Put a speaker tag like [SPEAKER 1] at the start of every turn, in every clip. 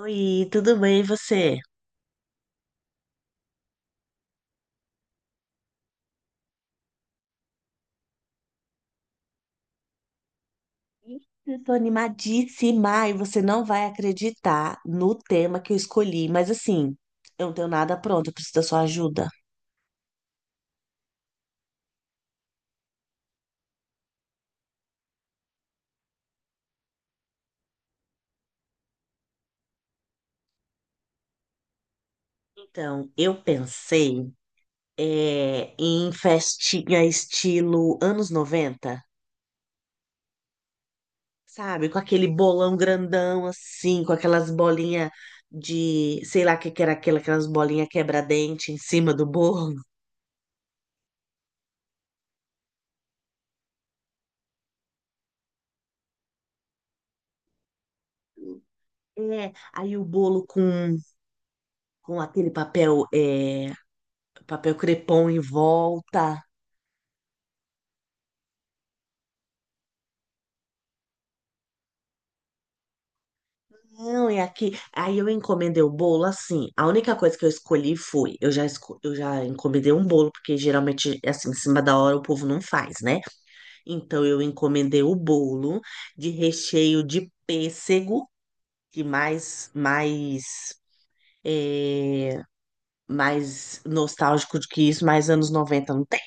[SPEAKER 1] Oi, tudo bem e você? Eu tô animadíssima e você não vai acreditar no tema que eu escolhi, mas assim, eu não tenho nada pronto, eu preciso da sua ajuda. Então, eu pensei em festinha estilo anos 90, sabe? Com aquele bolão grandão assim, com aquelas bolinhas de, sei lá o que que era aquela, aquelas bolinhas quebra-dente em cima do bolo. É, aí o bolo com aquele papel. É, papel crepom em volta. Não, é aqui. Aí eu encomendei o bolo assim. A única coisa que eu escolhi foi, eu já encomendei um bolo, porque geralmente, assim, em cima da hora o povo não faz, né? Então eu encomendei o bolo de recheio de pêssego, que é, mais nostálgico do que isso, mais anos 90 não tem.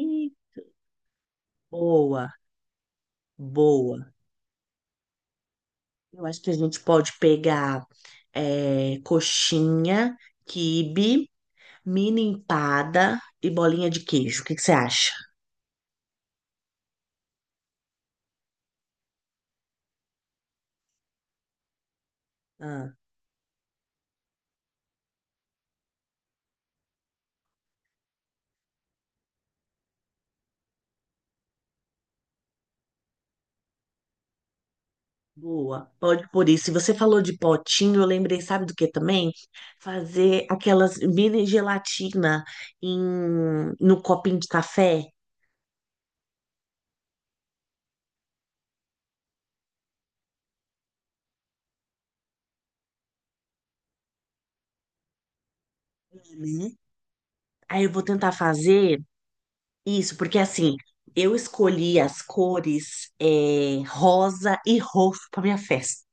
[SPEAKER 1] Ih, boa, boa. Eu acho que a gente pode pegar coxinha, quibe, mini empada e bolinha de queijo. O que que você acha? Ah, boa. Pode por isso. Se você falou de potinho, eu lembrei, sabe do que também? Fazer aquelas mini gelatina em, no copinho de café. Uhum. Aí eu vou tentar fazer isso, porque assim, eu escolhi as cores rosa e roxo para minha festa.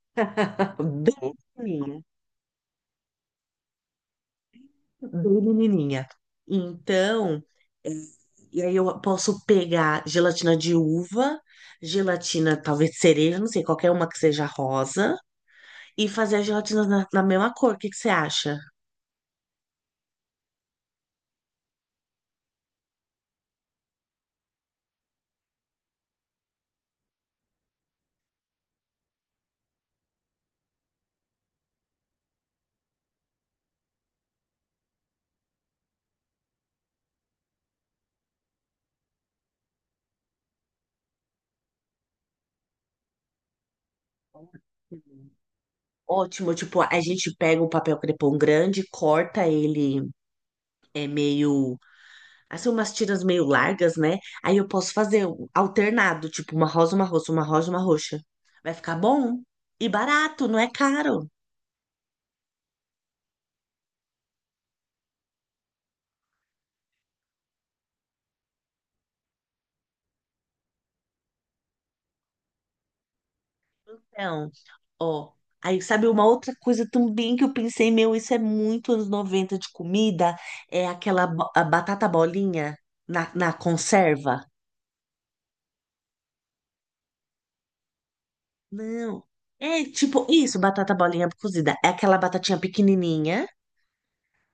[SPEAKER 1] Bem pequenininha. Bem menininha. Então, é, e aí eu posso pegar gelatina de uva, gelatina talvez cereja, não sei, qualquer uma que seja rosa, e fazer a gelatina na mesma cor. O que que você acha? Ótimo, tipo, a gente pega um papel crepom grande, corta ele, é meio, assim, umas tiras meio largas, né? Aí eu posso fazer um alternado, tipo, uma rosa, uma roxa, uma rosa, uma roxa. Vai ficar bom e barato, não é caro. Então, ó, aí sabe uma outra coisa também que eu pensei, meu, isso é muito anos 90 de comida, é aquela a batata bolinha na conserva. Não, é tipo isso, batata bolinha cozida. É aquela batatinha pequenininha,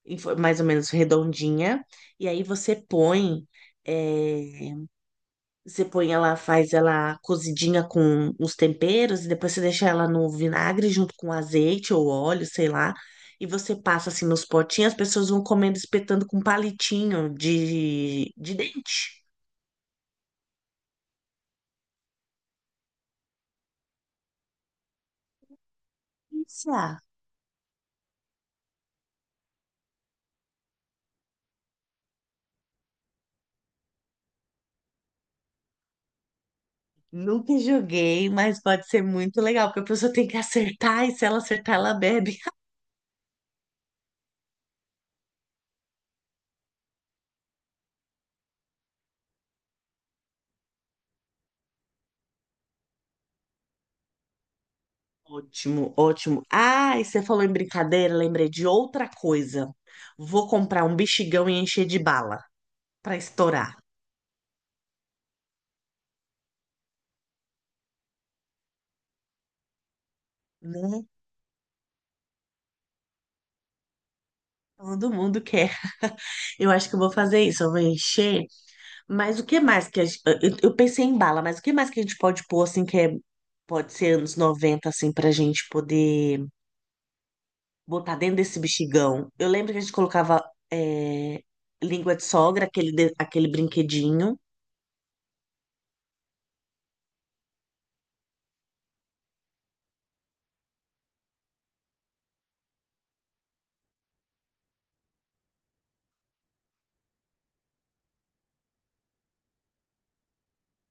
[SPEAKER 1] mais ou menos redondinha, e aí eh, Você põe ela, faz ela cozidinha com os temperos e depois você deixa ela no vinagre junto com azeite ou óleo, sei lá. E você passa assim nos potinhos, as pessoas vão comendo, espetando com um palitinho de dente. Isso, ah, nunca joguei, mas pode ser muito legal, porque a pessoa tem que acertar e se ela acertar, ela bebe. Ótimo, ótimo. Ah, e você falou em brincadeira, lembrei de outra coisa. Vou comprar um bexigão e encher de bala pra estourar, né? Todo mundo quer. Eu acho que eu vou fazer isso, eu vou encher. Mas o que mais que a gente... Eu pensei em bala, mas o que mais que a gente pode pôr, assim, que é... Pode ser anos 90 assim, pra gente poder botar dentro desse bexigão. Eu lembro que a gente colocava é, língua de sogra, aquele brinquedinho.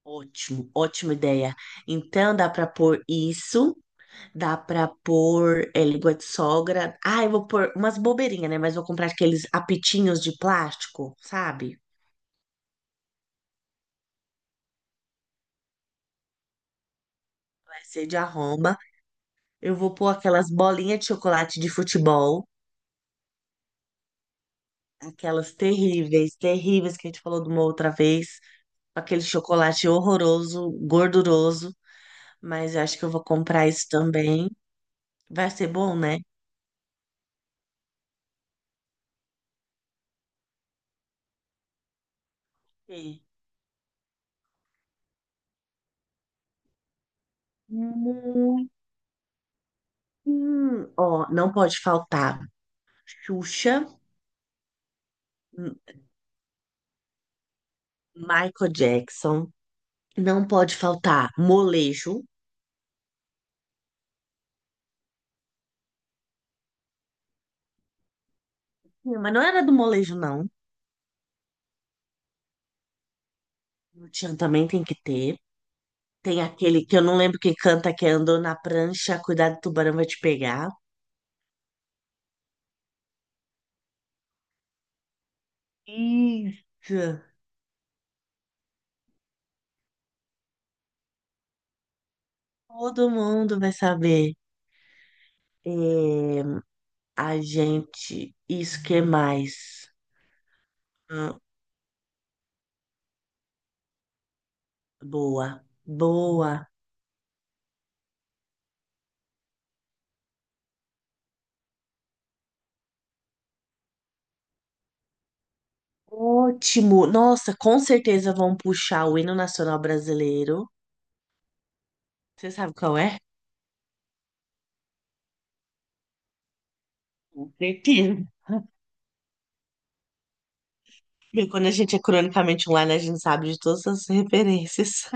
[SPEAKER 1] Ótimo, ótima ideia. Então dá pra pôr isso, dá pra pôr língua de sogra. Ah, eu vou pôr umas bobeirinhas, né? Mas vou comprar aqueles apitinhos de plástico, sabe? Passeio de arromba. Eu vou pôr aquelas bolinhas de chocolate de futebol, aquelas terríveis, terríveis que a gente falou de uma outra vez, com aquele chocolate horroroso, gorduroso. Mas eu acho que eu vou comprar isso também. Vai ser bom, né? Sim. Muito. Ó, não pode faltar Xuxa, M- Michael Jackson, não pode faltar molejo. Mas não era do molejo, não. No Tchan também tem que ter. Tem aquele que eu não lembro quem canta, que é andou na prancha, cuidado, o tubarão vai te pegar. Isso. Todo mundo vai saber. É, a gente, isso que mais? Hum, boa, boa. Ótimo. Nossa, com certeza vão puxar o hino nacional brasileiro. Você sabe qual é? Com certeza. Bem, quando a gente é cronicamente online, a gente sabe de todas as referências.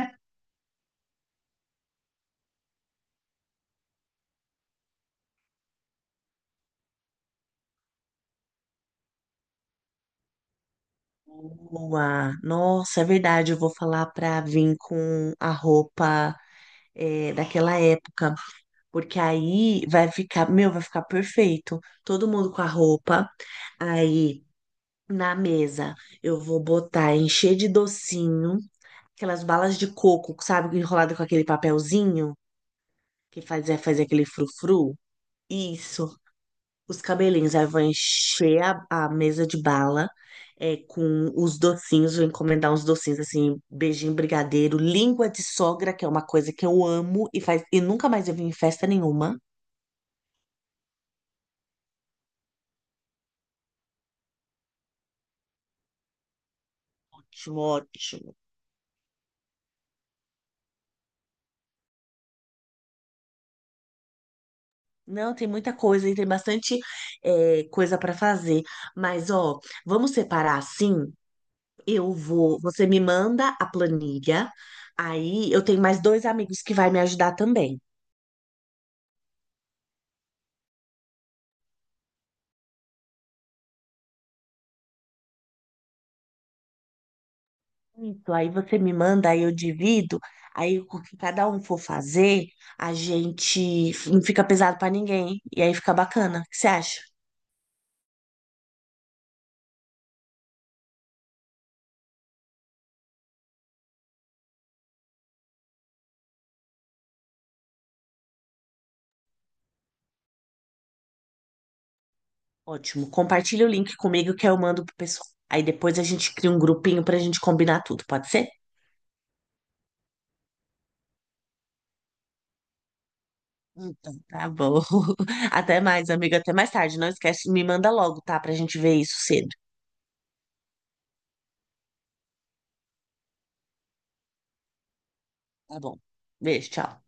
[SPEAKER 1] Boa! Nossa, é verdade, eu vou falar pra vir com a roupa daquela época, porque aí vai ficar, meu, vai ficar perfeito. Todo mundo com a roupa, aí na mesa eu vou botar, encher de docinho, aquelas balas de coco, sabe, enrolada com aquele papelzinho que faz, faz aquele frufru. Isso. Os cabelinhos, aí vou encher a mesa de bala com os docinhos, vou encomendar uns docinhos assim, beijinho brigadeiro, língua de sogra, que é uma coisa que eu amo e faz e nunca mais eu vim em festa nenhuma. Ótimo, ótimo. Não, tem muita coisa e tem bastante coisa para fazer. Mas, ó, vamos separar assim? Eu vou, você me manda a planilha, aí eu tenho mais dois amigos que vai me ajudar também. Isso, aí você me manda, aí eu divido, aí o que cada um for fazer, a gente não fica pesado pra ninguém, e aí fica bacana. O que você acha? Ótimo. Compartilha o link comigo que eu mando pro pessoal. Aí depois a gente cria um grupinho pra gente combinar tudo, pode ser? Então, tá bom. Até mais, amiga, até mais tarde. Não esquece, me manda logo, tá? Pra gente ver isso cedo. Tá bom. Beijo, tchau.